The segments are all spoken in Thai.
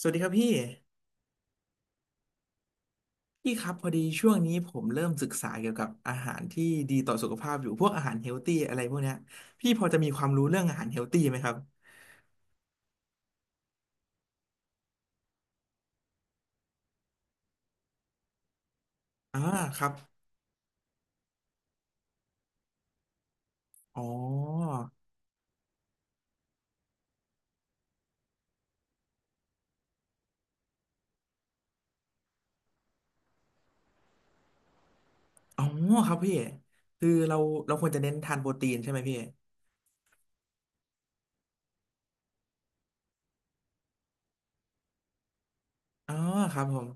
สวัสดีครับพี่พี่ครับพอดีช่วงนี้ผมเริ่มศึกษาเกี่ยวกับอาหารที่ดีต่อสุขภาพอยู่พวกอาหารเฮลตี้อะไรพวกเนี้ยพี่พอจะมีความรู้เรื่องอาหารเฮลตี้ไหมครับอ่าครับอ๋ออ๋อครับพี่คือเราเราควรจะเน้นทานโปรตีนใช่ไหมพี่อ๋อครับผม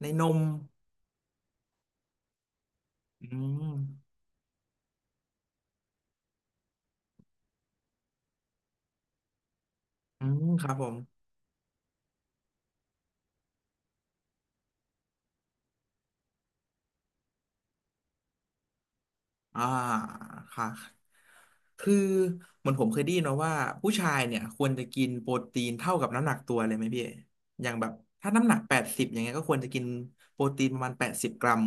ในนมอืมอืมครับผม อ่าค่ะคือเหมือนผมเคยได้ยินมาว่าผู้ชายเนี่ยควรจะกินโปรตีนเท่ากับน้ำหนักตัวเลยไหมพี่อย่างแบบถ้าน้ำหนักแปดสิบอย่างเงี้ยก็ควรจะกินโปรตีนประมาณ80 กรัม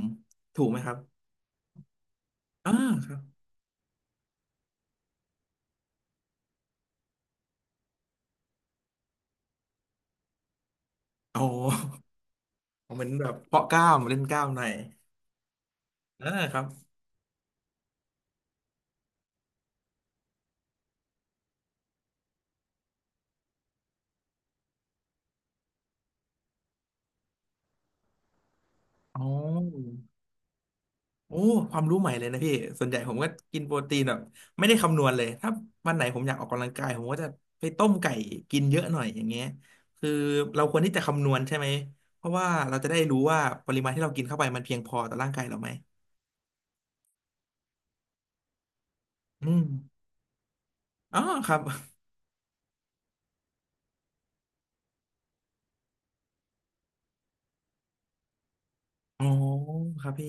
ถูกไหมครับอ่าครับอ๋อ เหมือนแบบเพาะกล้ามเล่นกล้ามหน่อยอ่าครับอ๋อ โอ้ความรู้ใหม่เลยนะพี่ส่วนใหญ่ผมก็กินโปรตีนแบบไม่ได้คำนวณเลยถ้าวันไหนผมอยากออกกำลังกายผมก็จะไปต้มไก่กินเยอะหน่อยอย่างเงี้ยคือเราควรที่จะคำนวณใช่ไหมเพราะว่าเราจะได้รู้ว่าปริมาณที่เรากินเข้าไปมันเพียงพอต่อร่างกายเราไหมอืมอ๋อครับ อ๋อครับพี่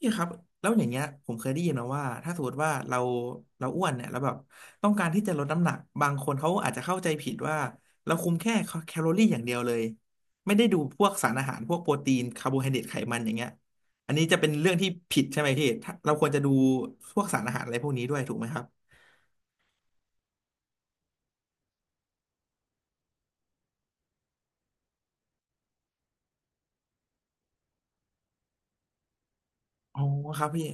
พี่ครับแล้วอย่างเงี้ยผมเคยได้ยินมาว่าถ้าสมมติว่าเราเราอ้วนเนี่ยแล้วแบบต้องการที่จะลดน้ำหนักบางคนเขาอาจจะเข้าใจผิดว่าเราคุมแค่แคลอรี่อย่างเดียวเลยไม่ได้ดูพวกสารอาหารพวกโปรตีนคาร์โบไฮเดรตไขมันอย่างเงี้ยอันนี้จะเป็นเรื่องที่ผิดใช่ไหมพี่ถ้าเราควรจะดูพวกสารอาหารอะไรพวกนี้ด้วยถูกไหมครับอ๋อครับพี่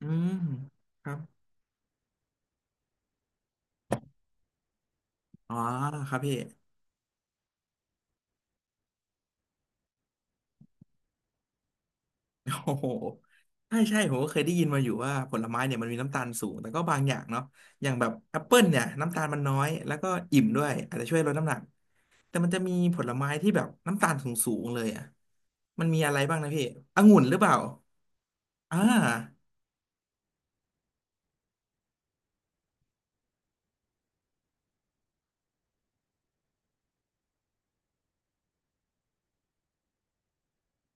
อืมครับอ๋อครับพี่ โอ้โหใช่ใช่ผมก็เคยได้ยินมาอยู่ว่าผลไม้เนี่ยมันมีน้ำตาลสูงแต่ก็บางอย่างเนาะอย่างแบบแอปเปิลเนี่ยน้ำตาลมันน้อย แล้วก็อิ่มด้วยอาจจะช่วยลดน้ำหนักแต่มันจะมีผลไม้ที่แบบน้ำตาลสูงๆเลยอ่ะมันมีอะไรบ้างนะพี่องุ่นหรือเปล่าอ่า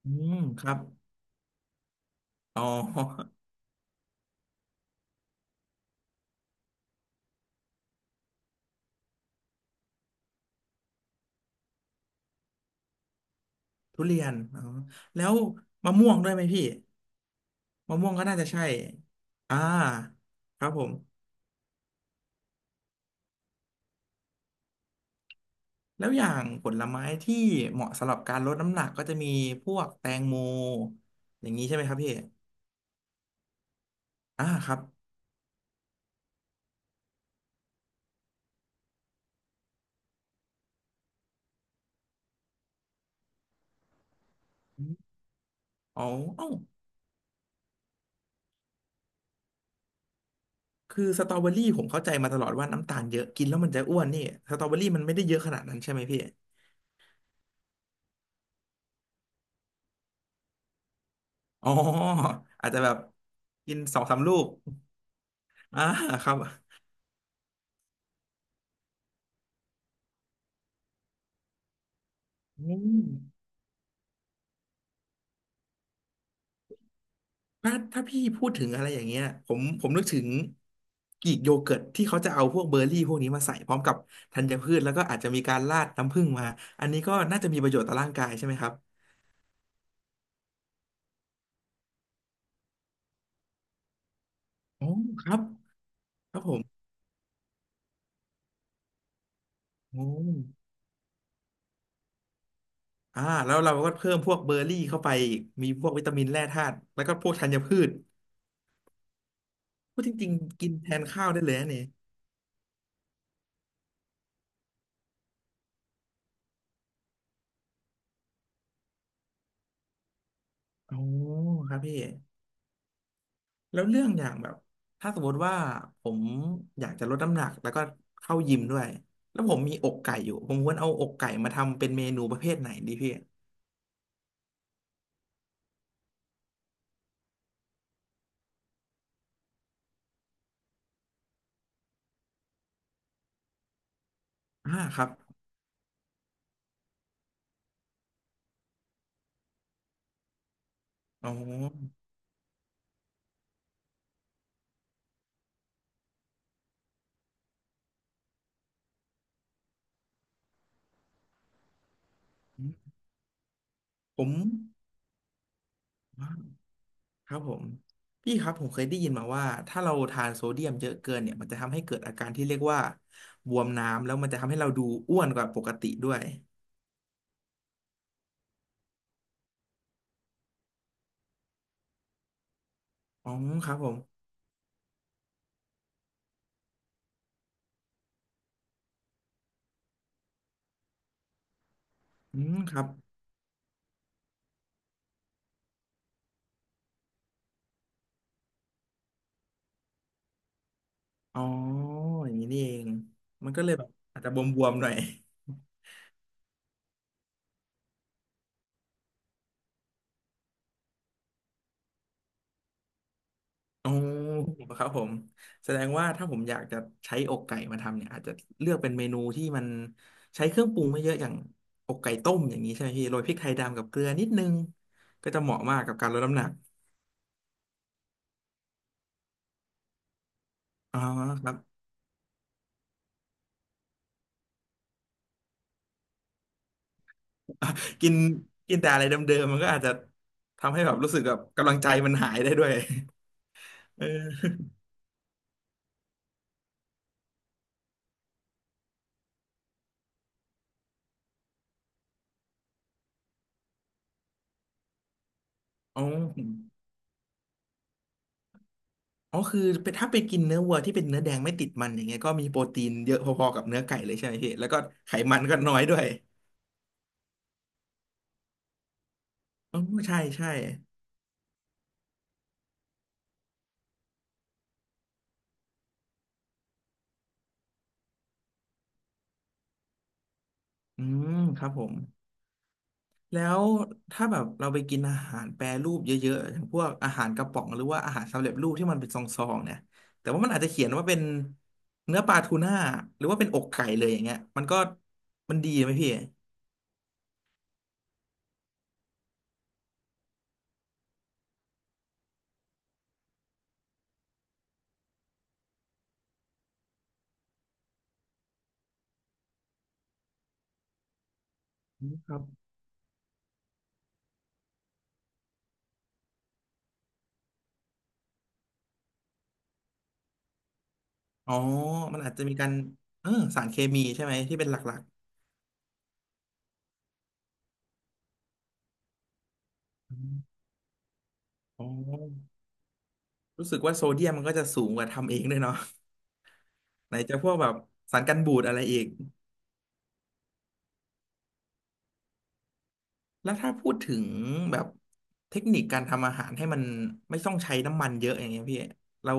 อืมครับ อ๋อทุเรียนอ๋อแล้วมะม่วงด้วยไหมพี่มะม่วงก็น่าจะใช่อ่าครับผม แล้วอย่างผลไม้ที่เหมาะสำหรับการลดน้ำหนักก็จะมีพวกแตงโมอย่างนี้ใช่ไหมครับพี่อ่าครับอมอ๋อเอ้าคือสตรอเบอรี่ผมเข้าใจมาตลอดว่าน้ำตาลเยอะกินแล้วมันจะอ้วนนี่สตรอเบอรี่มันไม่ได้เยอะขนาดนั้นใช่ไหมพี่อ๋ออาจจะแบบกินสองสามลูกอ่าครับอืม ถ้าถ้าพี่พูดถึงอะไรอย่างเงี้ยผมผมนึกถึงกรีกโยเกิร์ตที่เขาจะเอาพวกเบอร์รี่พวกนี้มาใส่พร้อมกับธัญพืชแล้วก็อาจจะมีการราดน้ำผึ้งมาอันนี้ก็น่าจะมีประโยชน์ต่อร่างกายใช่ไหมครับอ๋อครับครับผมโอ้อ่าแล้วเราก็เพิ่มพวกเบอร์รี่เข้าไปอีกมีพวกวิตามินแร่ธาตุแล้วก็พวกธัญพืชพูดจริงๆกินแทนข้าวได้เลยนะเนี่ยอ๋อครับพี่ แล้วเรื่องอย่างแบบถ้าสมมติว่าผมอยากจะลดน้ำหนักแล้วก็เข้ายิมด้วยแล้วผมมีอกไก่อยู่ผมควรเอาอกไก่มาทำเป็นเมนูประเภทไหนดีพี่อ่าครับอ๋อผมอ่าครับผมพี่ครับผมเคยได้ยินมาว่าถ้าเราทานโซเดียมเยอะเกินเนี่ยมันจะทำให้เกิดอาการที่เรียกว่าบวมน้ำแล้วมันจะทำให้เราดูอ้วนกว่าปกติด้วยอ๋อครับผมอืมครับอ๋ออย่างนี้นี่เองมันก็เลยแบบอาจจะบวมๆหน่อย อ๋อครับผมแสดงว่าถ้าผมอยากจะใช้อกไก่มาทำเนี่ยอาจจะเลือกเป็นเมนูที่มันใช้เครื่องปรุงไม่เยอะอย่างอกไก่ต้มอย่างนี้ใช่ไหมพี่โรยพริกไทยดำกับเกลือนิดนึงก็จะเหมาะมากกับการลดน้ำหนักอ๋อครับกินกินแต่อะไรเดิมๆมันก็อาจจะทำให้แบบรู้สึกแบบกำลังใจมันหายได้ด้วยเอออ๋ออ๋อคือเป็นถ้าไปกินเนื้อวัวที่เป็นเนื้อแดงไม่ติดมันอย่างเงี้ยก็มีโปรตีนเยอะพอๆกับเนื้อไก่เลยใช่ไหมพี่แล้วก็ไขมันก็น้อยด้วยอ๋อใช่ใช่ อืมครับผมแล้วถ้าแบบเราไปกินอาหารแปรรูปเยอะๆอย่างพวกอาหารกระป๋องหรือว่าอาหารสำเร็จรูปที่มันเป็นซองๆเนี่ยแต่ว่ามันอาจจะเขียนว่าเป็นเนื้อปลาทูน่าหรือว่าเป็นอกไก่เลยอย่างเงี้ยมันก็มันดีไหมพี่อืมครับอ๋อมันอาจจะมีการเออสารเคมีใช่ไหมที่เป็นหลักๆอมอ๋อรู้สึกว่าโซเดียมมันก็จะสูงกว่าทำเองด้วยเนาะไหนจะพวกแบบสารกันบูดอะไรอีก แล้วถ้าพูดถึงแบบเทคนิคการทำอาหารให้มันไม่ต้องใช้น้ำมันเยอะอย่างเงี้ยพี่เรา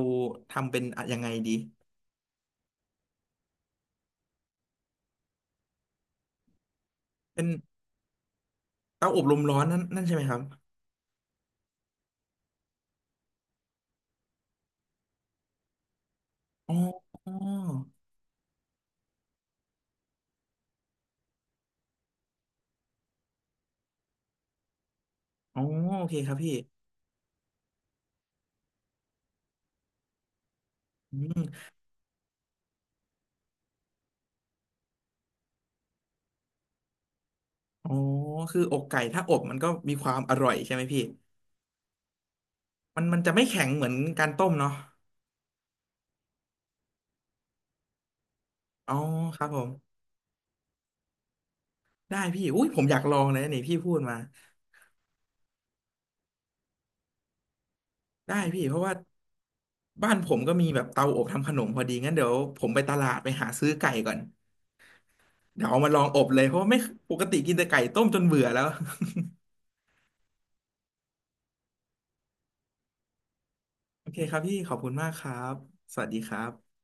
ทำเป็นอะยังไงดีเป็นเตาอบลมร้อนนั่นใช่ไหมครับอ๋ออ๋ออ๋อโอเคครับพี่อืมอ๋อคืออกไก่ถ้าอบมันก็มีความอร่อยใช่ไหมพี่มันมันจะไม่แข็งเหมือนการต้มเนาะอ๋อครับผมได้พี่อุ้ยผมอยากลองเลยนะนี่พี่พูดมาได้พี่เพราะว่าบ้านผมก็มีแบบเตาอบทำขนมพอดีงั้นเดี๋ยวผมไปตลาดไปหาซื้อไก่ก่อน เดี๋ยวเอามาลองอบเลยเพราะว่าไม่ปกติกินแต่ไก่ต้มจนเบื่อแล้วโอเคครับพี่ขอบคุณมากครับสวัสดีครับ